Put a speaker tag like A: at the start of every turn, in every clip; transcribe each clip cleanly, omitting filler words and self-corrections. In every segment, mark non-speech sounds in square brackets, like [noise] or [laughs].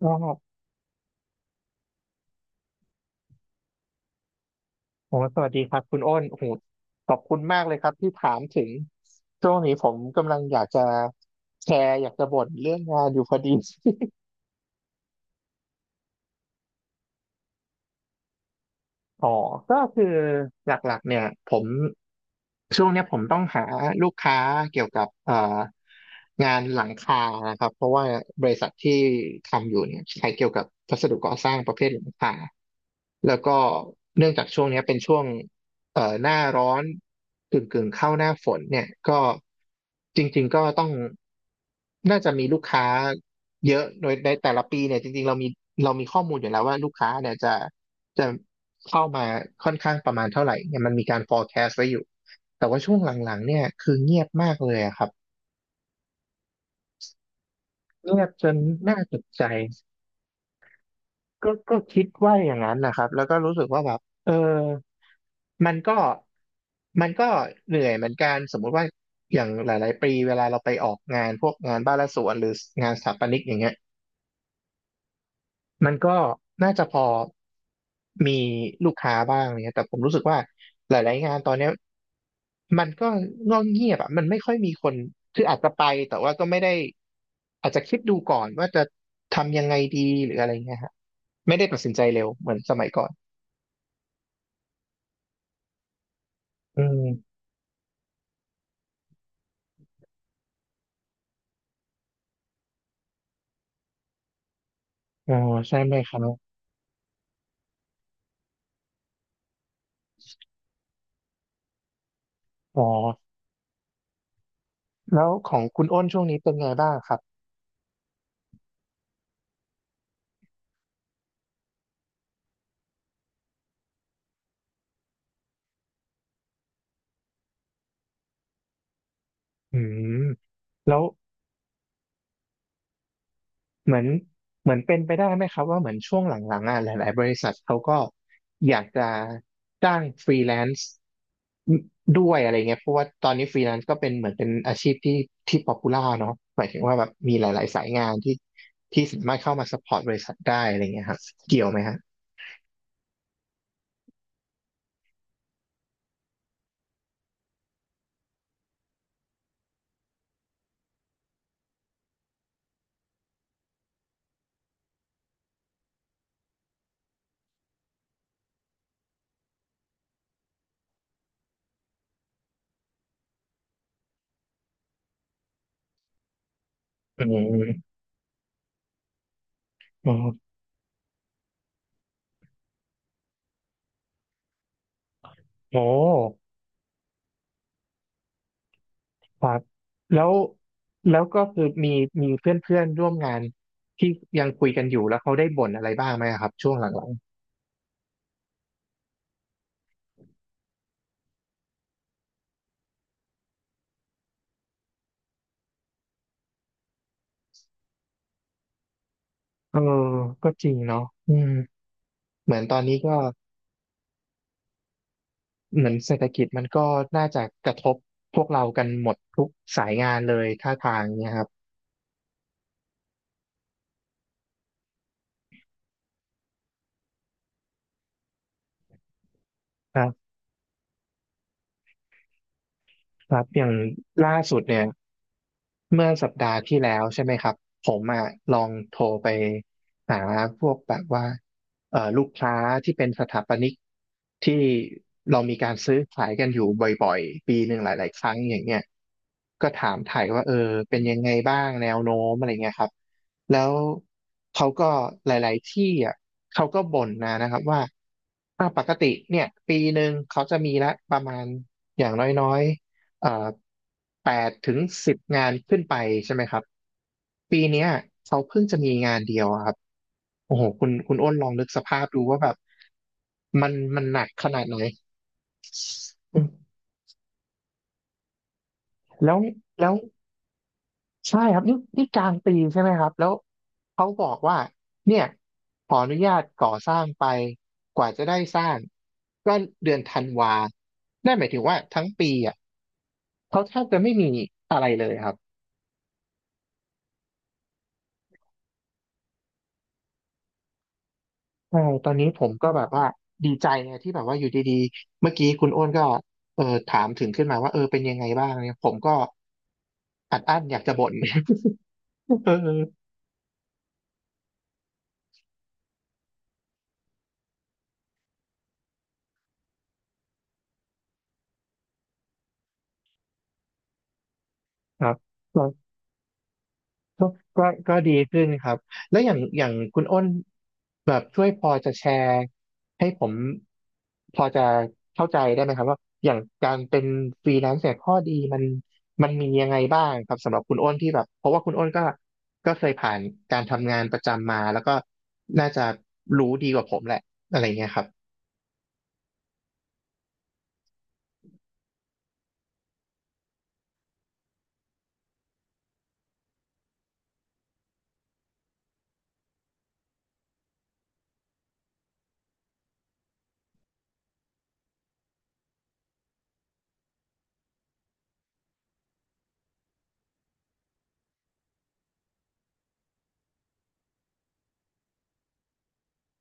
A: ก็โอ้สวัสดีครับคุณอ้นโอ้โหขอบคุณมากเลยครับที่ถามถึงช่วงนี้ผมกำลังอยากจะแชร์อยากจะบ่นเรื่องงานอยู่พอดี อ๋อก็คือหลักๆเนี่ยผมช่วงเนี้ยผมต้องหาลูกค้าเกี่ยวกับงานหลังคานะครับเพราะว่าบริษัทที่ทำอยู่เนี่ยใช้เกี่ยวกับวัสดุก่อสร้างประเภทหลังคาแล้วก็เนื่องจากช่วงเนี้ยเป็นช่วงหน้าร้อนกึ่งเข้าหน้าฝนเนี่ยก็จริงๆก็ต้องน่าจะมีลูกค้าเยอะโดยในแต่ละปีเนี่ยจริงๆเรามีข้อมูลอยู่แล้วว่าลูกค้าเนี่ยจะจะ เข้ามาค่อนข้างประมาณเท่าไหร่เนี่ยมันมีการ forecast ไว้อยู่แต่ว่าช่วงหลังๆเนี่ยคือเงียบมากเลยอะครับเงียบจนน่าตกใจก็คิดว่าอย่างนั้นนะครับแล้วก็รู้สึกว่าแบบเออมันก็มันก็เหนื่อยเหมือนกันสมมุติว่าอย่างหลายๆปีเวลาเราไปออกงานพวกงานบ้านและสวนหรืองานสถาปนิกอย่างเงี้ยมันก็น่าจะพอมีลูกค้าบ้างเนี่ยแต่ผมรู้สึกว่าหลายๆงานตอนเนี้ย มันก็เงียบเงียบอ่ะมันไม่ค่อยมีคนคืออาจจะไปแต่ว่าก็ไม่ได้อาจจะคิดดูก่อนว่าจะทำยังไงดีหรืออะไรเงี้ยฮะไม่ได้ตัดสินใจเร็วเหมือนสมัยก่อนอืมอ๋อใช่ไหมครับอ๋อแล้วของคุณอ้นช่วงนี้เป็นไงบ้างครับอืมแล้ว เหมือนเหมือนเป็นไปได้ไหมครับว่าเหมือนช่วงหลังๆอ่ะหลายๆบริษัทเขาก็อยากจะจ้างฟรีแลนซ์ด้วยอะไรเงี้ยเพราะว่าตอนนี้ฟรีแลนซ์ก็เป็นเหมือนเป็นอาชีพที่ป๊อปปูล่าเนาะหมายถึงว่าแบบมีหลายๆสายงานที่สามารถเข้ามาซัพพอร์ตบริษัทได้อะไรเงี้ยครับเกี่ยวไหมฮะอืมอ๋อโอ้โหครับแล้วแล้วก็คือมีเพื่อนเพื่อนร่วมงานที่ยังคุยกันอยู่แล้วเขาได้บ่นอะไรบ้างไหมครับช่วงหลังๆ เออก็จริงเนาะอืมเหมือนตอนนี้ก็เหมือนเศรษฐกิจมันก็น่าจะกระทบพวกเรากันหมดทุกสายงานเลยท่าทางเนี่ยครับ ครับครับอย่างล่าสุดเนี่ย เมื่อสัปดาห์ที่แล้วใช่ไหมครับผมอ่ะลองโทรไปหาพวกแบบว่าลูกค้าที่เป็นสถาปนิกที่เรามีการซื้อขายกันอยู่บ่อยๆปีหนึ่งหลายๆครั้งอย่างเงี้ยก็ถามถ่ายว่าเออเป็นยังไงบ้างแนวโน้มอะไรเงี้ยครับแล้วเขาก็หลายๆที่อ่ะเขาก็บ่นนะครับว่าอ่ะปกติเนี่ยปีหนึ่งเขาจะมีละประมาณอย่างน้อยๆ เอ่อ8-10งานขึ้นไปใช่ไหมครับปีเนี้ยเขาเพิ่งจะมีงานเดียวอะครับโอ้โหคุณอ้นลองนึกสภาพดูว่าแบบมันหนักขนาดไหนอืมแล้วแล้วใช่ครับนี่นี่กลางปีใช่ไหมครับแล้วเขาบอกว่าเนี่ยขออนุญาตก่อสร้างไปกว่าจะได้สร้างก็เดือนธันวานั่นหมายถึงว่าทั้งปีอ่ะเขาแทบจะไม่มีอะไรเลยครับ ใช่ตอนนี้ผมก็แบบว่าดีใจไงที่แบบว่าอยู่ดีๆเมื่อกี้คุณอ้วนก็เออถามถึงขึ้นมาว่าเออเป็นยังไงบ้างเนี่ยผมก็อัดอั้นอยากจะบ่น [laughs] เออครับ ก็ก็ดีขึ้นครับแล้วอย่างคุณอ้นแบบช่วยพอจะแชร์ให้ผมพอจะเข้าใจได้ไหมครับว่าอย่างการเป็นฟรีแลนซ์เนี่ยข้อดีมันมียังไงบ้างครับสำหรับคุณอ้นที่แบบเพราะว่าคุณอ้นก็เคยผ่านการทำงานประจำมาแล้วก็น่าจะรู้ดีกว่าผมแหละอะไรเงี้ยครับ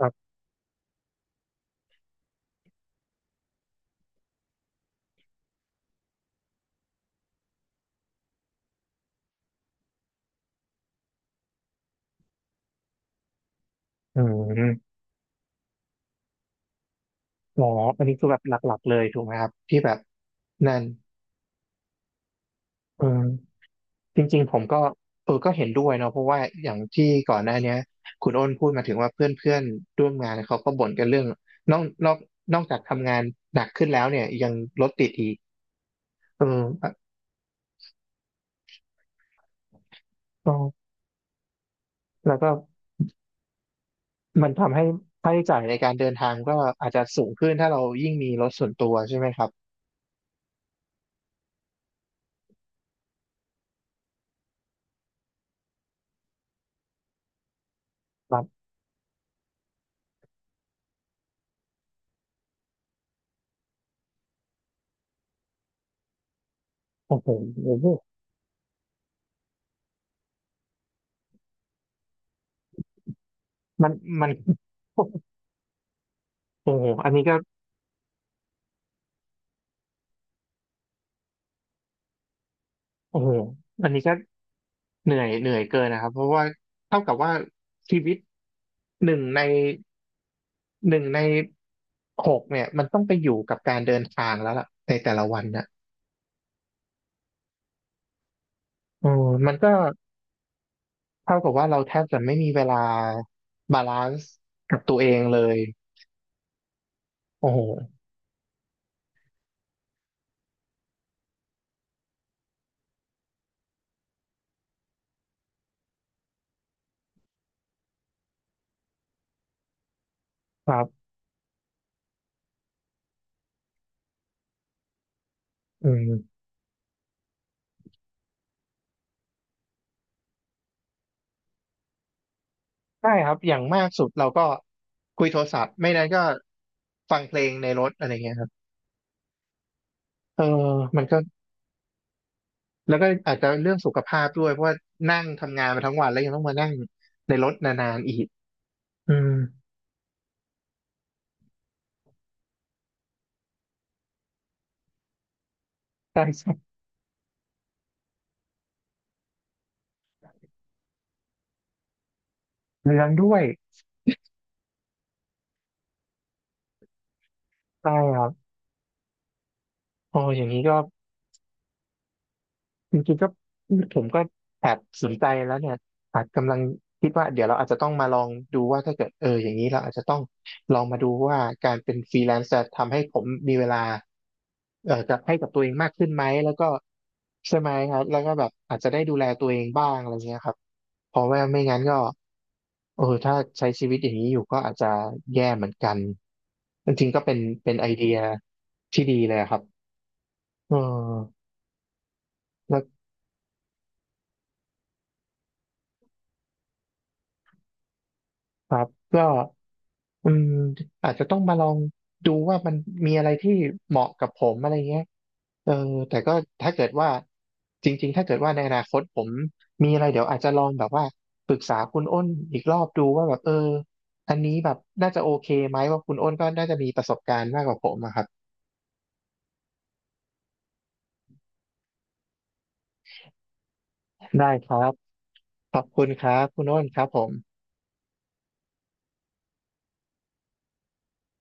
A: ครับอืมอ๋ออันนี้คือแบบหลักๆเลยถูกไหมครับที่แบบนั่นอืม จริงๆผมก็เออก็เห็นด้วยเนาะเพราะว่าอย่างที่ก่อนหน้าเนี้ยคุณอ้นพูดมาถึงว่าเพื่อนๆร่วมงานเขาก็บ่นกันเรื่องนอกนอกนอกจากทำงานหนักขึ้นแล้วเนี่ยยังรถติดอีกเอออ่ะก็แล้วก็มันทำให้ค่าใช้จ่ายในการเดินทางก็อาจจะสูงขึ้นถ้าเรายิ่งมีรถส่วนตัวใช่ไหมครับครับโอ้โหโอ้โหมันมัน [laughs] โอ้โหอันนี้ก็โอ้โหอันนี้ก็เหนื่อยเกินนะครับเพราะว่าเท่ากับว่าชีวิตหนึ่งใน หนึ่งในหกเนี่ยมันต้องไปอยู่กับการเดินทางแล้วล่ะในแต่ละวันน่ะเออมันก็เท่ากับว่าเราแทบจะไม่มีเวลาบาลานซ์กับตัวเองเลยโอ้โหครับอืมใช่ครับอย่างมากสุดเราก็คุยโทรศัพท์ไม่นั้นก็ฟังเพลงในรถอะไรเงี้ยครับเออมันก็แล้วก็อาจจะเรื่องสุขภาพด้วยเพราะว่านั่งทำงานมาทั้งวันแล้วยังต้องมานั่งในรถนานๆอีกอืมใช่ใช่เรื่องด้วยใช่ครับโอ้อย่างนี้ก็ จริงๆก็ผมก็แอบสนใจแล้วเนี่ยอาจกำลังคิดว่าเดี๋ยวเราอาจจะต้องมาลองดูว่าถ้าเกิดเอออย่างนี้เราอาจจะต้องลองมาดูว่าการเป็นฟรีแลนซ์จะทำให้ผมมีเวลาจะให้กับตัวเองมากขึ้นไหมแล้วก็ใช่ไหมครับแล้วก็แบบอาจจะได้ดูแลตัวเองบ้างอะไรเงี้ยครับเพราะว่าไม่งั้นก็เออถ้าใช้ชีวิตอย่างนี้อยู่ก็อาจจะแย่เหมือนกันจริงๆก็เป็นไอเดียที่ดีเลยอะครับเออแล้ว ครับก็อืมอาจจะต้องมาลองดูว่ามันมีอะไรที่เหมาะกับผมอะไรเงี้ยเออแต่ก็ถ้าเกิดว่าจริงๆถ้าเกิดว่าในอนาคตผมมีอะไรเดี๋ยวอาจจะลองแบบว่าปรึกษาคุณอ้นอีกรอบดูว่าแบบเอออันนี้แบบน่าจะโอเคไหมว่าคุณอ้นก็น่าจะมีประสบการณ์มากกว่าผมอะครับได้ครับขอบคุณครับคุณอ้นครับผม